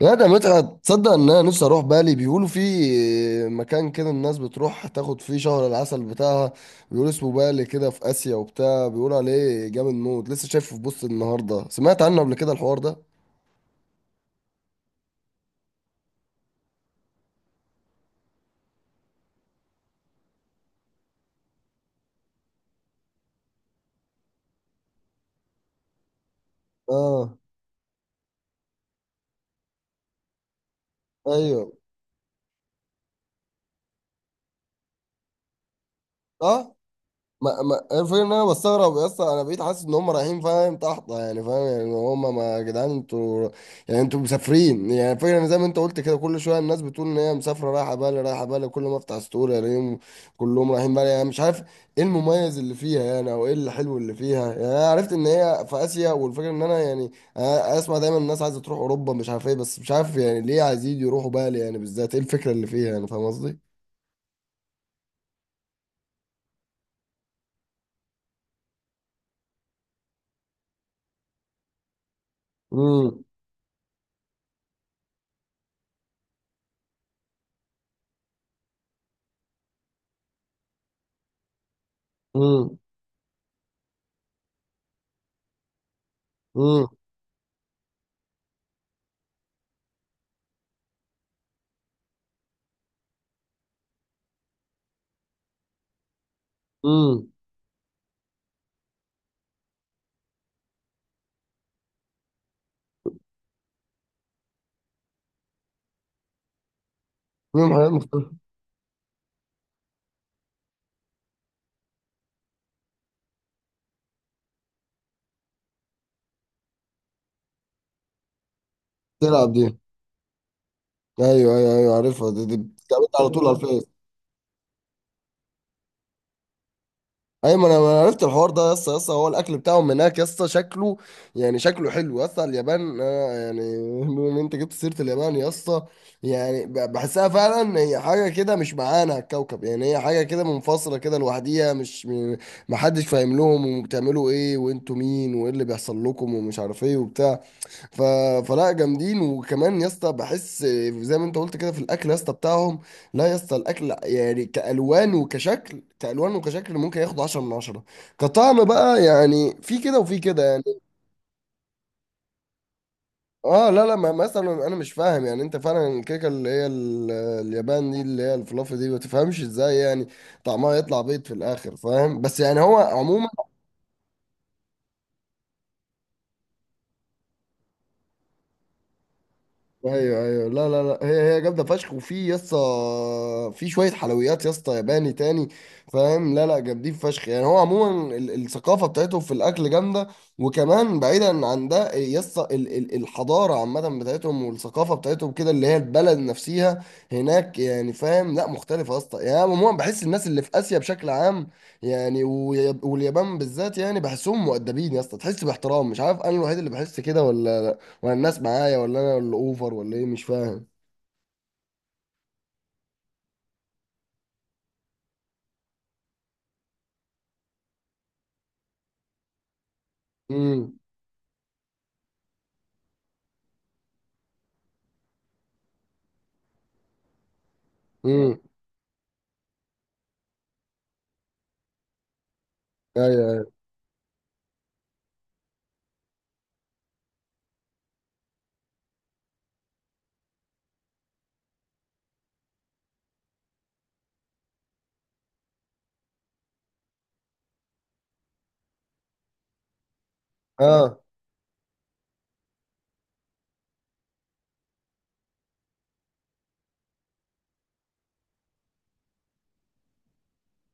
لا ده متعة. تصدق ان انا نفسي اروح بالي؟ بيقولوا في مكان كده الناس بتروح تاخد فيه شهر العسل بتاعها، بيقولوا اسمه بالي كده في اسيا وبتاع، بيقولوا عليه جامد موت. لسه شايفه في بوست النهارده، سمعت عنه قبل كده الحوار ده. اه. ايوه. اه، ما الفكرة ان انا بستغرب يا اسطى، انا بقيت حاسس ان هم رايحين، فاهم؟ تحت يعني، فاهم يعني؟ هم ما، يا جدعان انتوا يعني، انتوا مسافرين؟ يعني الفكرة ان زي ما انت قلت كده، كل شوية الناس بتقول ان هي مسافرة رايحة بالي، رايحة بالي. كل ما افتح ستوري الاقيهم كلهم رايحين بالي، يعني مش عارف ايه المميز اللي فيها يعني، او ايه الحلو اللي فيها يعني. انا عرفت ان هي في اسيا، والفكرة ان انا يعني أنا اسمع دايما الناس عايزة تروح اوروبا مش عارف ايه، بس مش عارف يعني ليه عايزين يروحوا بالي يعني بالذات، ايه الفكرة اللي فيها يعني، فاهم قصدي؟ امم. امم. امم. امم. تلعب دي. ايوه ايوه ايوه، عارفها دي، دي بتتعمل على طول على الفيس. ايوه، ما أنا عرفت الحوار ده يا اسطى. يا اسطى، هو الاكل بتاعهم هناك يا اسطى شكله، يعني شكله حلو يا اسطى. اليابان آه، يعني بما ان انت جبت سيره اليابان يا اسطى، يعني بحسها فعلا هي حاجه كده مش معانا على الكوكب، يعني هي حاجه كده منفصله كده لوحديها، مش م- ما حدش فاهم لهم، وبتعملوا ايه وانتوا مين وايه اللي بيحصل لكم ومش عارف ايه وبتاع. ف... فلا، جامدين. وكمان يا اسطى، بحس زي ما انت قلت كده في الاكل يا اسطى بتاعهم. لا يا اسطى، الاكل يعني كالوان وكشكل، كالوان وكشكل ممكن ياخد 10 من 10، كطعم بقى يعني في كده وفي كده يعني. اه، لا لا، ما مثلا انا مش فاهم يعني انت فعلا الكيكه اللي هي اليابان دي، اللي هي الفلافل دي، ما تفهمش ازاي يعني طعمها يطلع بيض في الاخر، فاهم؟ بس يعني هو عموما ايوه ايوه. لا لا لا، هي هي جامده فشخ. وفي يسطا في شويه حلويات يسطا ياباني تاني، فاهم؟ لا لا، جامدين فشخ. يعني هو عموما الثقافه بتاعتهم في الاكل جامده. وكمان بعيدا عن ده يسطا، الحضاره عامه بتاعتهم والثقافه بتاعتهم كده، اللي هي البلد نفسها هناك، يعني فاهم؟ لا مختلفه يسطا. يعني أنا عموما بحس الناس اللي في اسيا بشكل عام يعني، واليابان بالذات، يعني بحسهم مؤدبين يسطا، تحس باحترام. مش عارف انا الوحيد اللي بحس كده ولا ولا الناس معايا، ولا انا اللي اوفر، ولا ايه مش فاهم. امم. امم. ايوه ايوه. اه.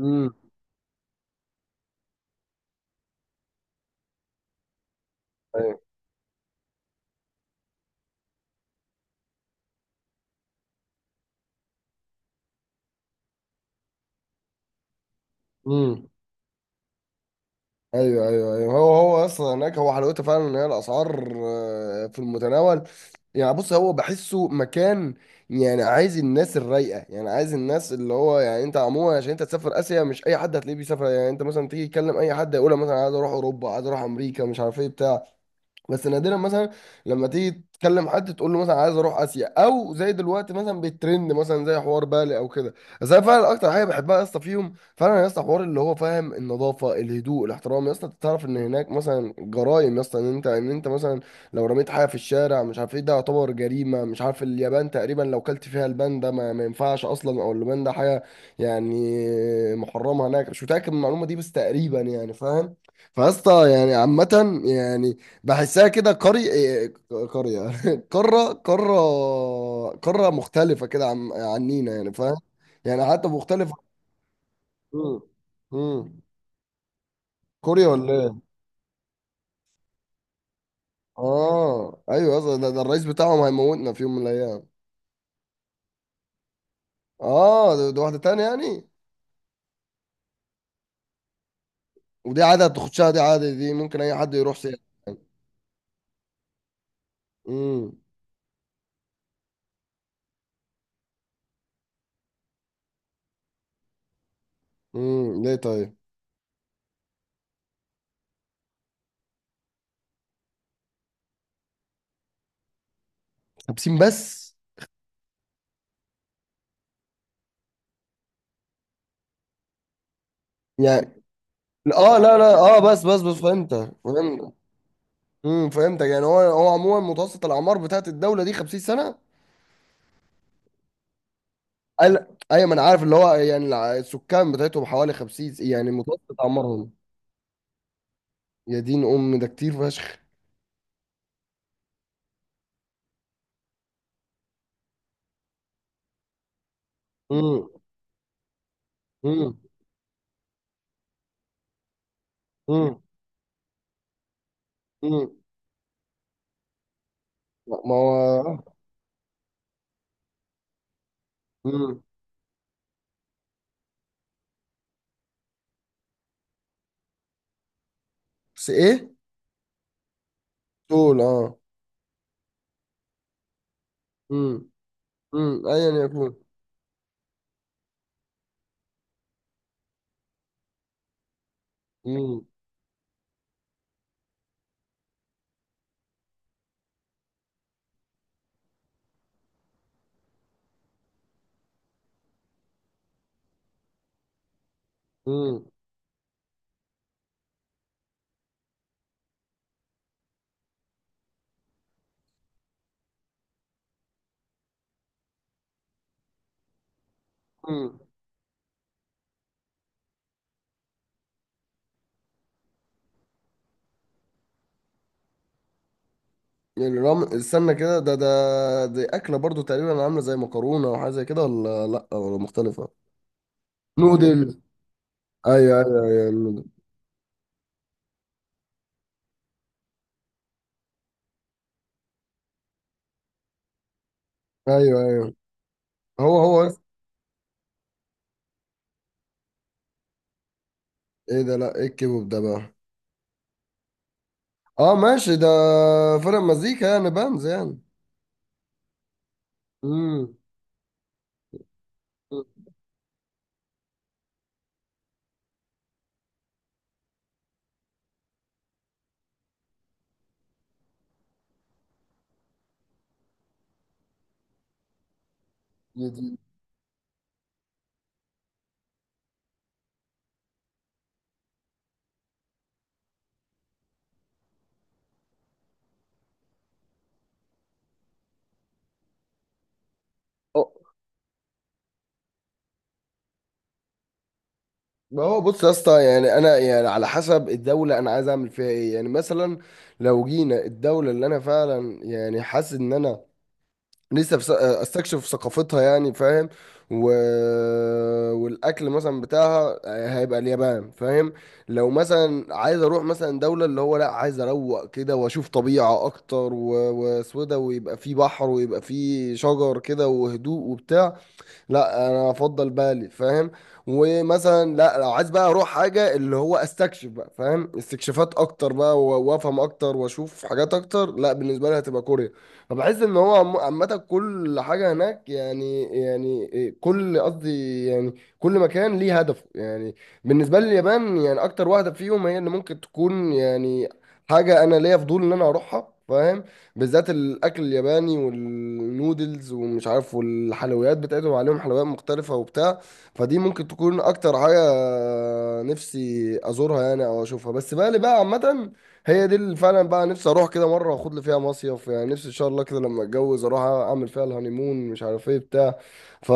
امم. ايوه. امم. ايوه ايوه ايوه، هو هو اصلا هناك هو حلاوته فعلا ان هي الاسعار آه، في المتناول. يعني بص هو بحسه مكان يعني عايز الناس الرايقه، يعني عايز الناس اللي هو يعني، انت عموما عشان انت تسافر اسيا مش اي حد هتلاقيه بيسافر. يعني انت مثلا تيجي تكلم اي حد يقول لك مثلا عايز اروح اوروبا، عايز اروح امريكا، مش عارف ايه بتاع. بس نادرا مثلا لما تيجي تكلم حد تقول له مثلا عايز اروح اسيا، او زي دلوقتي مثلا بيترند مثلا زي حوار بالي او كده. بس انا فعلا اكتر حاجه بحبها يا اسطى فيهم فعلا يا اسطى، حوار اللي هو فاهم، النظافه، الهدوء، الاحترام. يا اسطى أنت تعرف ان هناك مثلا جرائم يا اسطى، ان انت ان انت مثلا لو رميت حاجه في الشارع مش عارف ايه ده يعتبر جريمه، مش عارف. اليابان تقريبا لو كلت فيها البان ده ما ينفعش اصلا، او البان ده حاجه يعني محرمه هناك. مش متاكد من المعلومه دي بس تقريبا يعني، فاهم؟ فيا اسطى يعني عامة، يعني بحسها كده قرية، قرية قارة، قارة، قارة مختلفة كده عن عنينا يعني، فاهم؟ يعني حتى مختلفة. مم. مم. كوريا ولا ايه؟ اه ايوه، أصلاً ده، ده الرئيس بتاعهم هيموتنا في يوم من الايام. اه ده، ده واحدة تانية يعني. ودي عادة تخشها، دي عادة دي ممكن اي حد يروح سياحة. يعني. امم. ليه طيب؟ خمسين بس؟ يعني اه لا لا، اه بس بس بس فهمت. فهمت. امم، فهمتك. يعني هو هو عموما متوسط الاعمار بتاعت الدوله دي 50 سنه. قال ايوه، ما انا عارف اللي هو يعني السكان بتاعتهم حوالي 50 يعني متوسط اعمارهم. يا دين ام ده كتير فشخ. امم. امم. امم. امم. ما هو امم. بس ايه طول اه. امم. ايا يكون. امم. امم. امم. الرم استنى كده، ده ده دي اكله برضو تقريبا عامله زي مكرونه او حاجه زي كده، ولا لا ولا مختلفه؟ نودل. ايوه ايوه ايوه النودل. ايوه. ايوه. هو هو. ايه ده؟ لا ايه الكيبوب ده بقى؟ اه ماشي ده فرق مزيكا يعني، بانز يعني. امم. جديد. أه، ما هو بص يا اسطى، يعني انا يعني على حسب الدوله انا عايز اعمل فيها ايه. يعني مثلا لو جينا الدوله اللي انا فعلا يعني حاسس ان انا استكشف ثقافتها يعني، فاهم؟ و... والاكل مثلا بتاعها آه، هيبقى اليابان، فاهم؟ لو مثلا عايز اروح مثلا دولة اللي هو لا عايز اروق كده واشوف طبيعة اكتر وسوده، ويبقى فيه بحر ويبقى فيه شجر كده وهدوء وبتاع، لا انا افضل بالي، فاهم؟ ومثلا لا، لو عايز بقى اروح حاجه اللي هو استكشف بقى، فاهم، استكشافات اكتر بقى، وافهم اكتر واشوف حاجات اكتر، لا بالنسبه لي هتبقى كوريا. فبحس ان هو عامه كل حاجه هناك يعني، يعني إيه، كل قصدي يعني كل مكان ليه هدفه يعني. بالنسبه لي اليابان يعني اكتر واحده فيهم هي اللي ممكن تكون يعني حاجه انا ليا فضول ان انا اروحها، فاهم؟ بالذات الاكل الياباني والنودلز ومش عارف، والحلويات بتاعتهم عليهم حلويات مختلفة وبتاع. فدي ممكن تكون اكتر حاجة نفسي ازورها يعني او اشوفها. بس بالي بقى عامة، هي دي اللي فعلا بقى نفسي اروح كده مرة واخد لي فيها مصيف. يعني نفسي ان شاء الله كده لما اتجوز اروح اعمل فيها الهانيمون، مش عارف ايه بتاع. ف...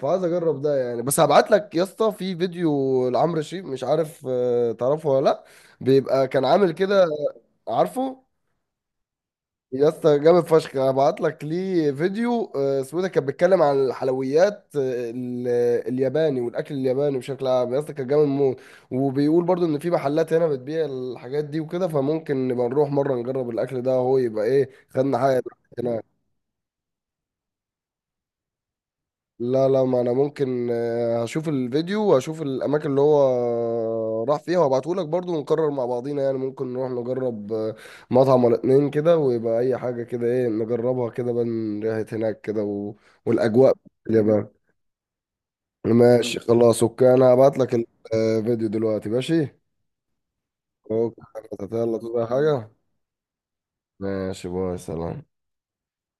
فعايز اجرب ده يعني. بس هبعت لك يا اسطى في فيديو لعمرو شريف، مش عارف آه، تعرفه ولا لا؟ بيبقى كان عامل كده. عارفه؟ يا اسطى جامد فشخ، انا بعت لك ليه فيديو آه، سويدة كانت بتتكلم عن الحلويات آه، ال- الياباني والاكل الياباني بشكل عام يا اسطى، كان جامد موت. وبيقول برضو ان في محلات هنا بتبيع الحاجات دي وكده، فممكن نبقى نروح مره نجرب الاكل ده، هو يبقى ايه خدنا حاجه هناك. لا لا، ما انا ممكن آه، هشوف الفيديو واشوف الاماكن اللي هو راح فيها وابعته لك برضو، ونقرر مع بعضينا يعني، ممكن نروح نجرب آه، مطعم ولا اتنين كده، ويبقى اي حاجة كده ايه نجربها كده بقى، من ريحة هناك كده و... والاجواء اللي بقى. ماشي خلاص، اوكي، انا هبعت لك الفيديو دلوقتي. ماشي، اوكي. يلا تقول أي حاجة. ماشي، باي، سلام.